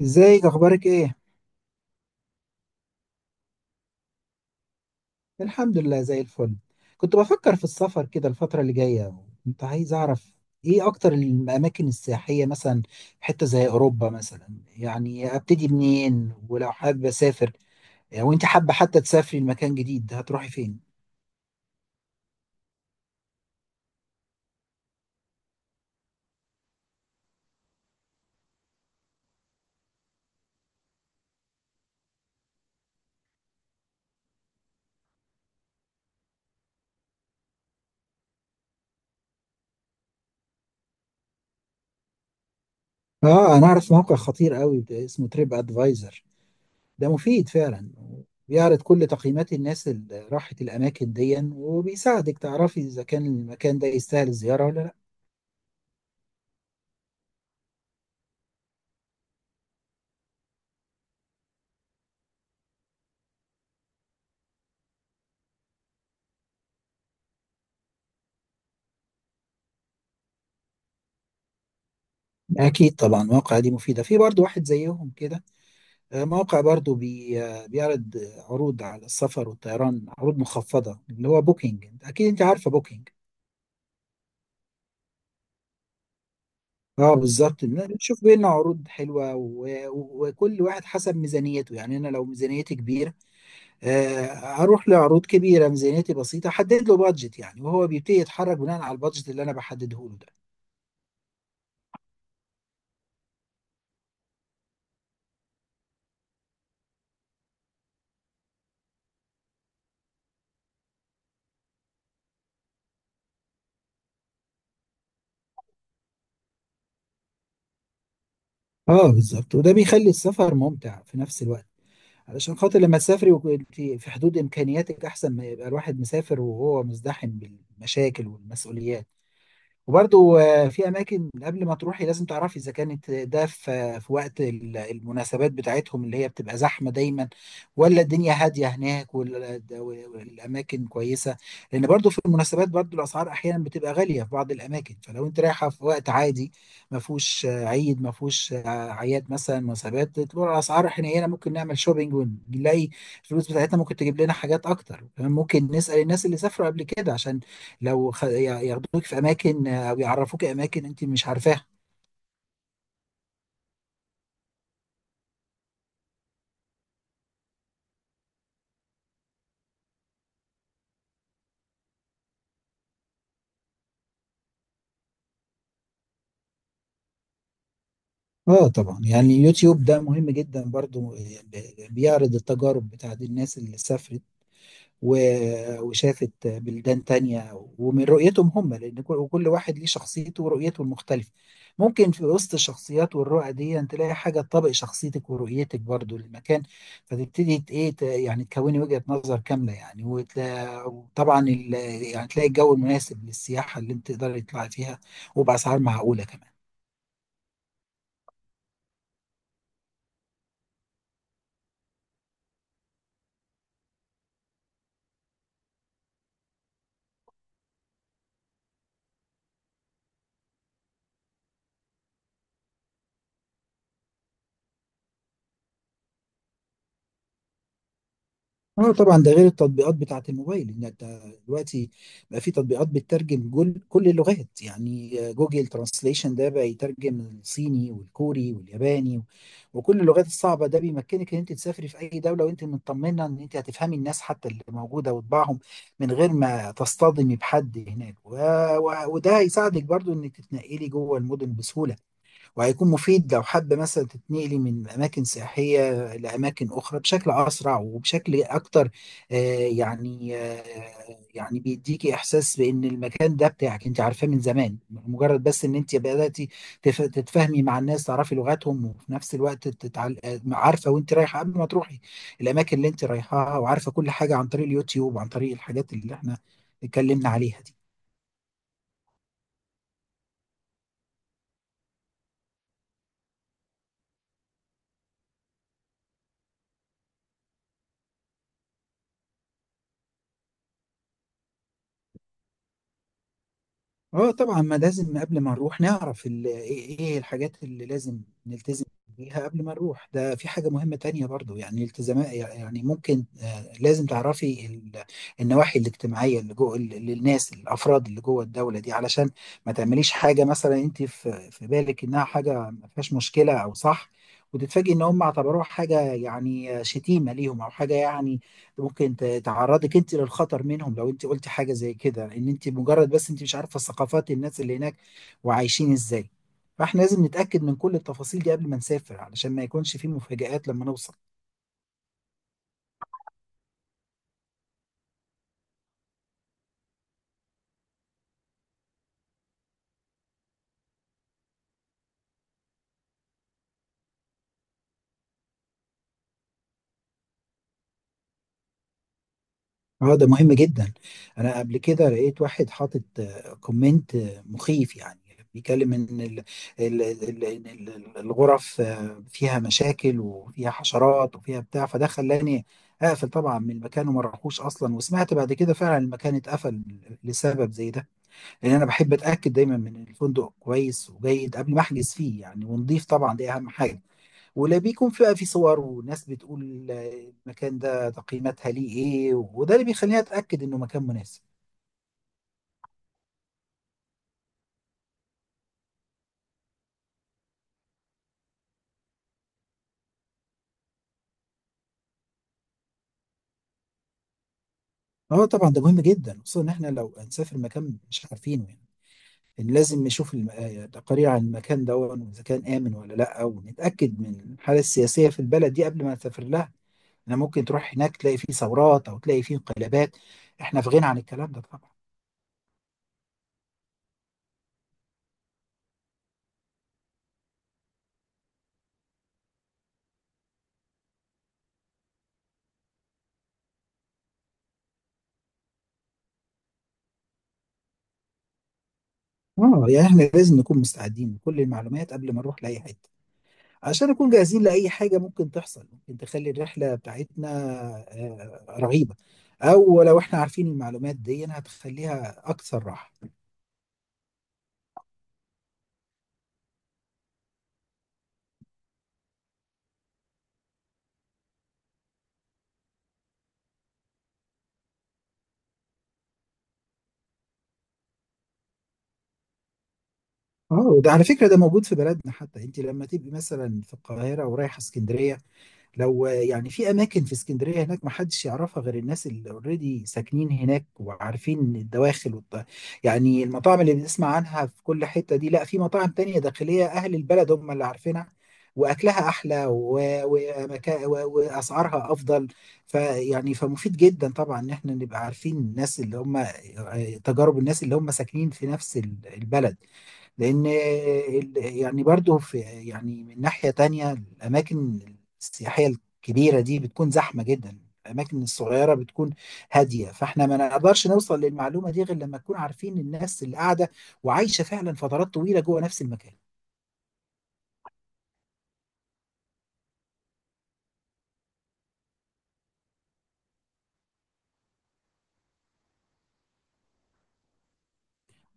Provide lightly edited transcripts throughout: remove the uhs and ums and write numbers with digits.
ازيك اخبارك ايه؟ الحمد لله زي الفل. كنت بفكر في السفر كده الفترة اللي جاية. كنت عايز اعرف ايه اكتر الاماكن السياحية مثلا في حتة زي اوروبا مثلا. يعني ابتدي منين ولو حابة اسافر؟ او انت حابة حتى تسافري لمكان جديد، هتروحي فين؟ اه، انا اعرف موقع خطير قوي اسمه تريب ادفايزر. ده مفيد فعلا. بيعرض كل تقييمات الناس اللي راحت الاماكن دي، وبيساعدك تعرفي اذا كان المكان ده يستاهل الزيارة ولا لا. أكيد طبعا مواقع دي مفيدة، في برضو واحد زيهم كده. موقع برضو بي بيعرض عروض على السفر والطيران، عروض مخفضة، اللي هو بوكينج. أكيد أنت عارفة بوكينج. اه بالظبط. بتشوف بينا عروض حلوة وكل واحد حسب ميزانيته. يعني أنا لو ميزانيتي كبيرة، آه، أروح لعروض كبيرة. ميزانيتي بسيطة، أحدد له بادجت يعني، وهو بيبتدي يتحرك بناء على البادجت اللي أنا بحدده له ده. اه بالظبط، وده بيخلي السفر ممتع في نفس الوقت. علشان خاطر لما تسافري وكنت في حدود إمكانياتك، أحسن ما يبقى الواحد مسافر وهو مزدحم بالمشاكل والمسؤوليات. وبرضو في اماكن قبل ما تروحي لازم تعرفي اذا كانت ده في وقت المناسبات بتاعتهم، اللي هي بتبقى زحمه دايما، ولا الدنيا هاديه هناك والاماكن كويسه. لان برضو في المناسبات برضو الاسعار احيانا بتبقى غاليه في بعض الاماكن، فلو انت رايحه في وقت عادي، ما فيهوش عيد، ما فيهوش اعياد مثلا، مناسبات، تبقى الاسعار حنينه. ممكن نعمل شوبينج ونلاقي الفلوس بتاعتنا ممكن تجيب لنا حاجات اكتر كمان. ممكن نسال الناس اللي سافروا قبل كده، عشان لو ياخدوك في اماكن، او يعرفوك اماكن انت مش عارفاها. اه طبعا، يعني يوتيوب ده مهم جدا برضو. بيعرض التجارب بتاعت الناس اللي سافرت وشافت بلدان تانية، ومن رؤيتهم هم، لأن كل وكل واحد ليه شخصيته ورؤيته المختلفة. ممكن في وسط الشخصيات والرؤى دي أن تلاقي حاجة تطابق شخصيتك ورؤيتك برضو للمكان، فتبتدي إيه، يعني تكوني وجهة نظر كاملة، يعني، وطبعا يعني تلاقي الجو المناسب للسياحة اللي أنت تقدري تطلعي فيها، وبأسعار معقولة كمان. اه طبعا، ده غير التطبيقات بتاعت الموبايل. ان انت دلوقتي بقى في تطبيقات بتترجم جول كل اللغات. يعني جوجل ترانسليشن ده بقى يترجم الصيني والكوري والياباني وكل اللغات الصعبة. ده بيمكنك ان انت تسافري في اي دولة وانت مطمنة ان انت هتفهمي الناس حتى اللي موجودة وطباعهم، من غير ما تصطدمي بحد هناك. وده هيساعدك برضو انك تتنقلي جوه المدن بسهولة، وهيكون مفيد لو حابة مثلا تتنقلي من أماكن سياحية لأماكن أخرى بشكل أسرع وبشكل أكتر. آه، يعني آه، يعني بيديكي إحساس بإن المكان ده بتاعك، أنت عارفاه من زمان. مجرد بس إن أنت بدأتي تتفاهمي مع الناس، تعرفي لغاتهم، وفي نفس الوقت تتعل... آه، عارفة، وأنت رايحة قبل ما تروحي الأماكن اللي أنت رايحاها، وعارفة كل حاجة عن طريق اليوتيوب وعن طريق الحاجات اللي إحنا اتكلمنا عليها دي. اه طبعا، ما لازم قبل ما نروح نعرف ال- ايه إيه الحاجات اللي لازم نلتزم بيها قبل ما نروح. ده في حاجة مهمة تانية برضو، يعني التزامات، يعني ممكن، لازم تعرفي النواحي الاجتماعية اللي جوه للناس، الأفراد اللي جوه الدولة دي، علشان ما تعمليش حاجة مثلا انت في بالك انها حاجة ما فيهاش مشكلة او صح، وتتفاجئي ان هم اعتبروها حاجة، يعني شتيمة ليهم، او حاجة يعني ممكن تعرضك انت للخطر منهم. لو انت قلتي حاجه زي كده، ان انت مجرد بس انت مش عارفه ثقافات الناس اللي هناك وعايشين ازاي، فاحنا لازم نتاكد من كل التفاصيل دي قبل ما نسافر، علشان ما يكونش في مفاجآت لما نوصل. اه، ده مهم جدا. انا قبل كده لقيت واحد حاطط كومنت مخيف يعني، بيتكلم ان إن الغرف فيها مشاكل وفيها حشرات وفيها بتاع. فده خلاني اقفل طبعا من المكان وما راحوش اصلا، وسمعت بعد كده فعلا المكان اتقفل لسبب زي ده. لان انا بحب اتاكد دايما من الفندق كويس وجيد قبل ما احجز فيه يعني، ونضيف طبعا، دي اهم حاجه. ولا بيكون فيها في صور وناس بتقول المكان ده تقييماتها ليه ايه، وده اللي بيخليني اتاكد انه مكان مناسب. اه طبعا، ده مهم جدا خصوصا ان احنا لو هنسافر مكان مش عارفينه يعني، إن لازم نشوف تقارير عن المكان ده واذا كان امن ولا لا، ونتاكد من الحاله السياسيه في البلد دي قبل ما نسافر لها. انا ممكن تروح هناك تلاقي فيه ثورات او تلاقي فيه انقلابات، احنا في غنى عن الكلام ده طبعا. اه، يعني احنا لازم نكون مستعدين بكل المعلومات قبل ما نروح لاي حته، عشان نكون جاهزين لأي حاجة ممكن تحصل، ممكن تخلي الرحلة بتاعتنا رهيبة. أو لو إحنا عارفين المعلومات دي، هتخليها أكثر راحة. اه، وده على فكرة ده موجود في بلدنا حتى. أنت لما تبقي مثلا في القاهرة ورايحة اسكندرية، لو يعني في اماكن في اسكندريه هناك ما حدش يعرفها غير الناس اللي اوريدي ساكنين هناك وعارفين الدواخل يعني المطاعم اللي بنسمع عنها في كل حته دي، لا، في مطاعم تانية داخليه اهل البلد هم اللي عارفينها، واكلها احلى واسعارها افضل. فيعني فمفيد جدا طبعا ان احنا نبقى عارفين الناس اللي هم، تجارب الناس اللي هم ساكنين في نفس البلد. لان يعني برضو في يعني من ناحية تانية الاماكن السياحية الكبيرة دي بتكون زحمة جدا، الاماكن الصغيرة بتكون هادية، فاحنا ما نقدرش نوصل للمعلومة دي غير لما نكون عارفين الناس اللي قاعدة وعايشة فعلا فترات طويلة جوه نفس المكان.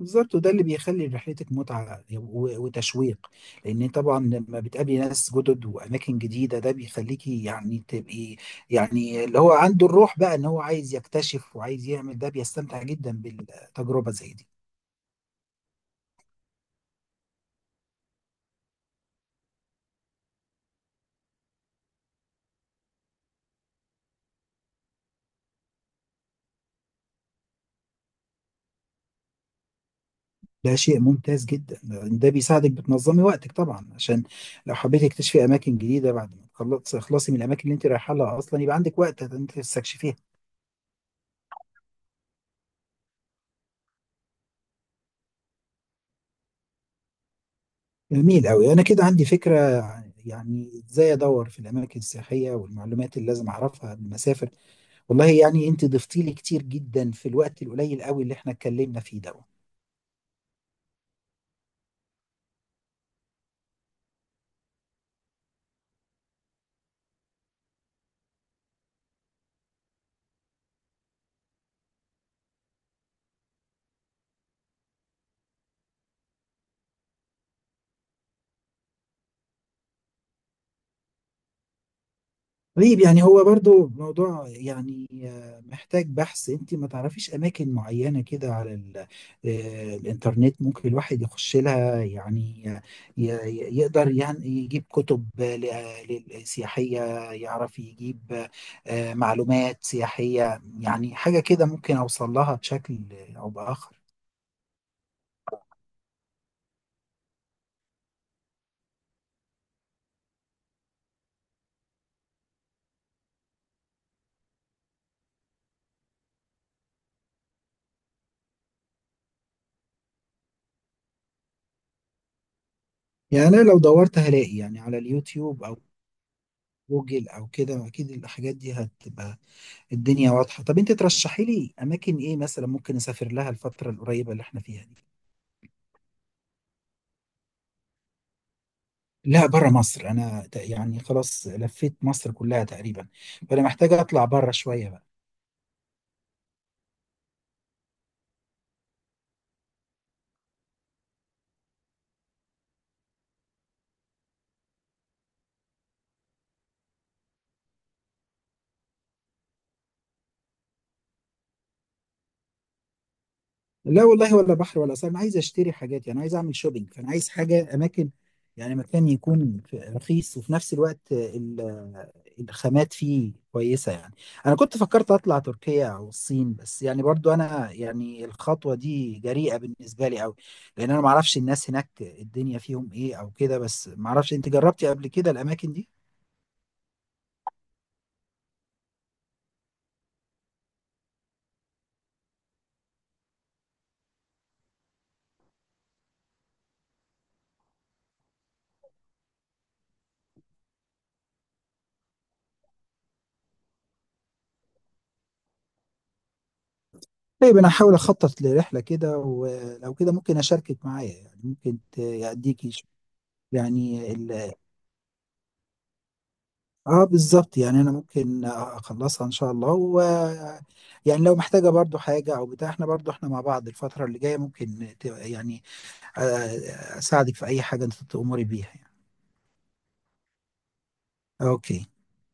بالظبط، وده اللي بيخلي رحلتك متعة وتشويق. لأن طبعا لما بتقابلي ناس جدد وأماكن جديدة، ده بيخليكي يعني تبقي، يعني اللي هو عنده الروح بقى إن هو عايز يكتشف وعايز يعمل، ده بيستمتع جدا بالتجربة زي دي. ده شيء ممتاز جدا، ده بيساعدك بتنظمي وقتك طبعا، عشان لو حبيتي تكتشفي أماكن جديدة بعد ما تخلصي من الأماكن اللي أنت رايحة لها أصلا، يبقى عندك وقت إن أنت تستكشفيها. جميل أوي، أنا كده عندي فكرة يعني إزاي أدور في الأماكن السياحية والمعلومات اللي لازم أعرفها قبل ما أسافر. والله يعني أنت ضفتي لي كتير جدا في الوقت القليل أوي اللي إحنا اتكلمنا فيه ده. طيب، يعني هو برضو موضوع يعني محتاج بحث. انت ما تعرفيش اماكن معينة كده على الانترنت، ممكن الواحد يخش لها يعني، ي- يقدر يعني يجيب كتب سياحية، يعرف يجيب معلومات سياحية، يعني حاجة كده ممكن اوصل لها بشكل او باخر. يعني انا لو دورت هلاقي يعني على اليوتيوب او جوجل او كده، اكيد الحاجات دي هتبقى الدنيا واضحة. طب انت ترشحي لي اماكن ايه مثلا ممكن اسافر لها الفترة القريبة اللي احنا فيها دي؟ لا، بره مصر. انا يعني خلاص لفيت مصر كلها تقريبا، فانا محتاج اطلع بره شوية بقى. لا والله، ولا بحر ولا ساحل، انا عايز اشتري حاجات، يعني عايز اعمل شوبينج، فانا عايز حاجه اماكن، يعني مكان يكون رخيص، وفي نفس الوقت الخامات فيه كويسه يعني. انا كنت فكرت اطلع تركيا او الصين، بس يعني برضو انا يعني الخطوه دي جريئه بالنسبه لي قوي، لان انا ما اعرفش الناس هناك الدنيا فيهم ايه او كده، بس ما اعرفش، انت جربتي قبل كده الاماكن دي؟ طيب انا هحاول اخطط لرحله كده، ولو كده ممكن اشاركك معايا، يعني ممكن اديكي يعني. اه بالظبط، يعني انا ممكن اخلصها ان شاء الله، و يعني لو محتاجه برضو حاجه او بتاع، احنا برضو احنا مع بعض الفتره اللي جايه، ممكن يعني، اساعدك في اي حاجه انت تأمري بيها يعني. اوكي.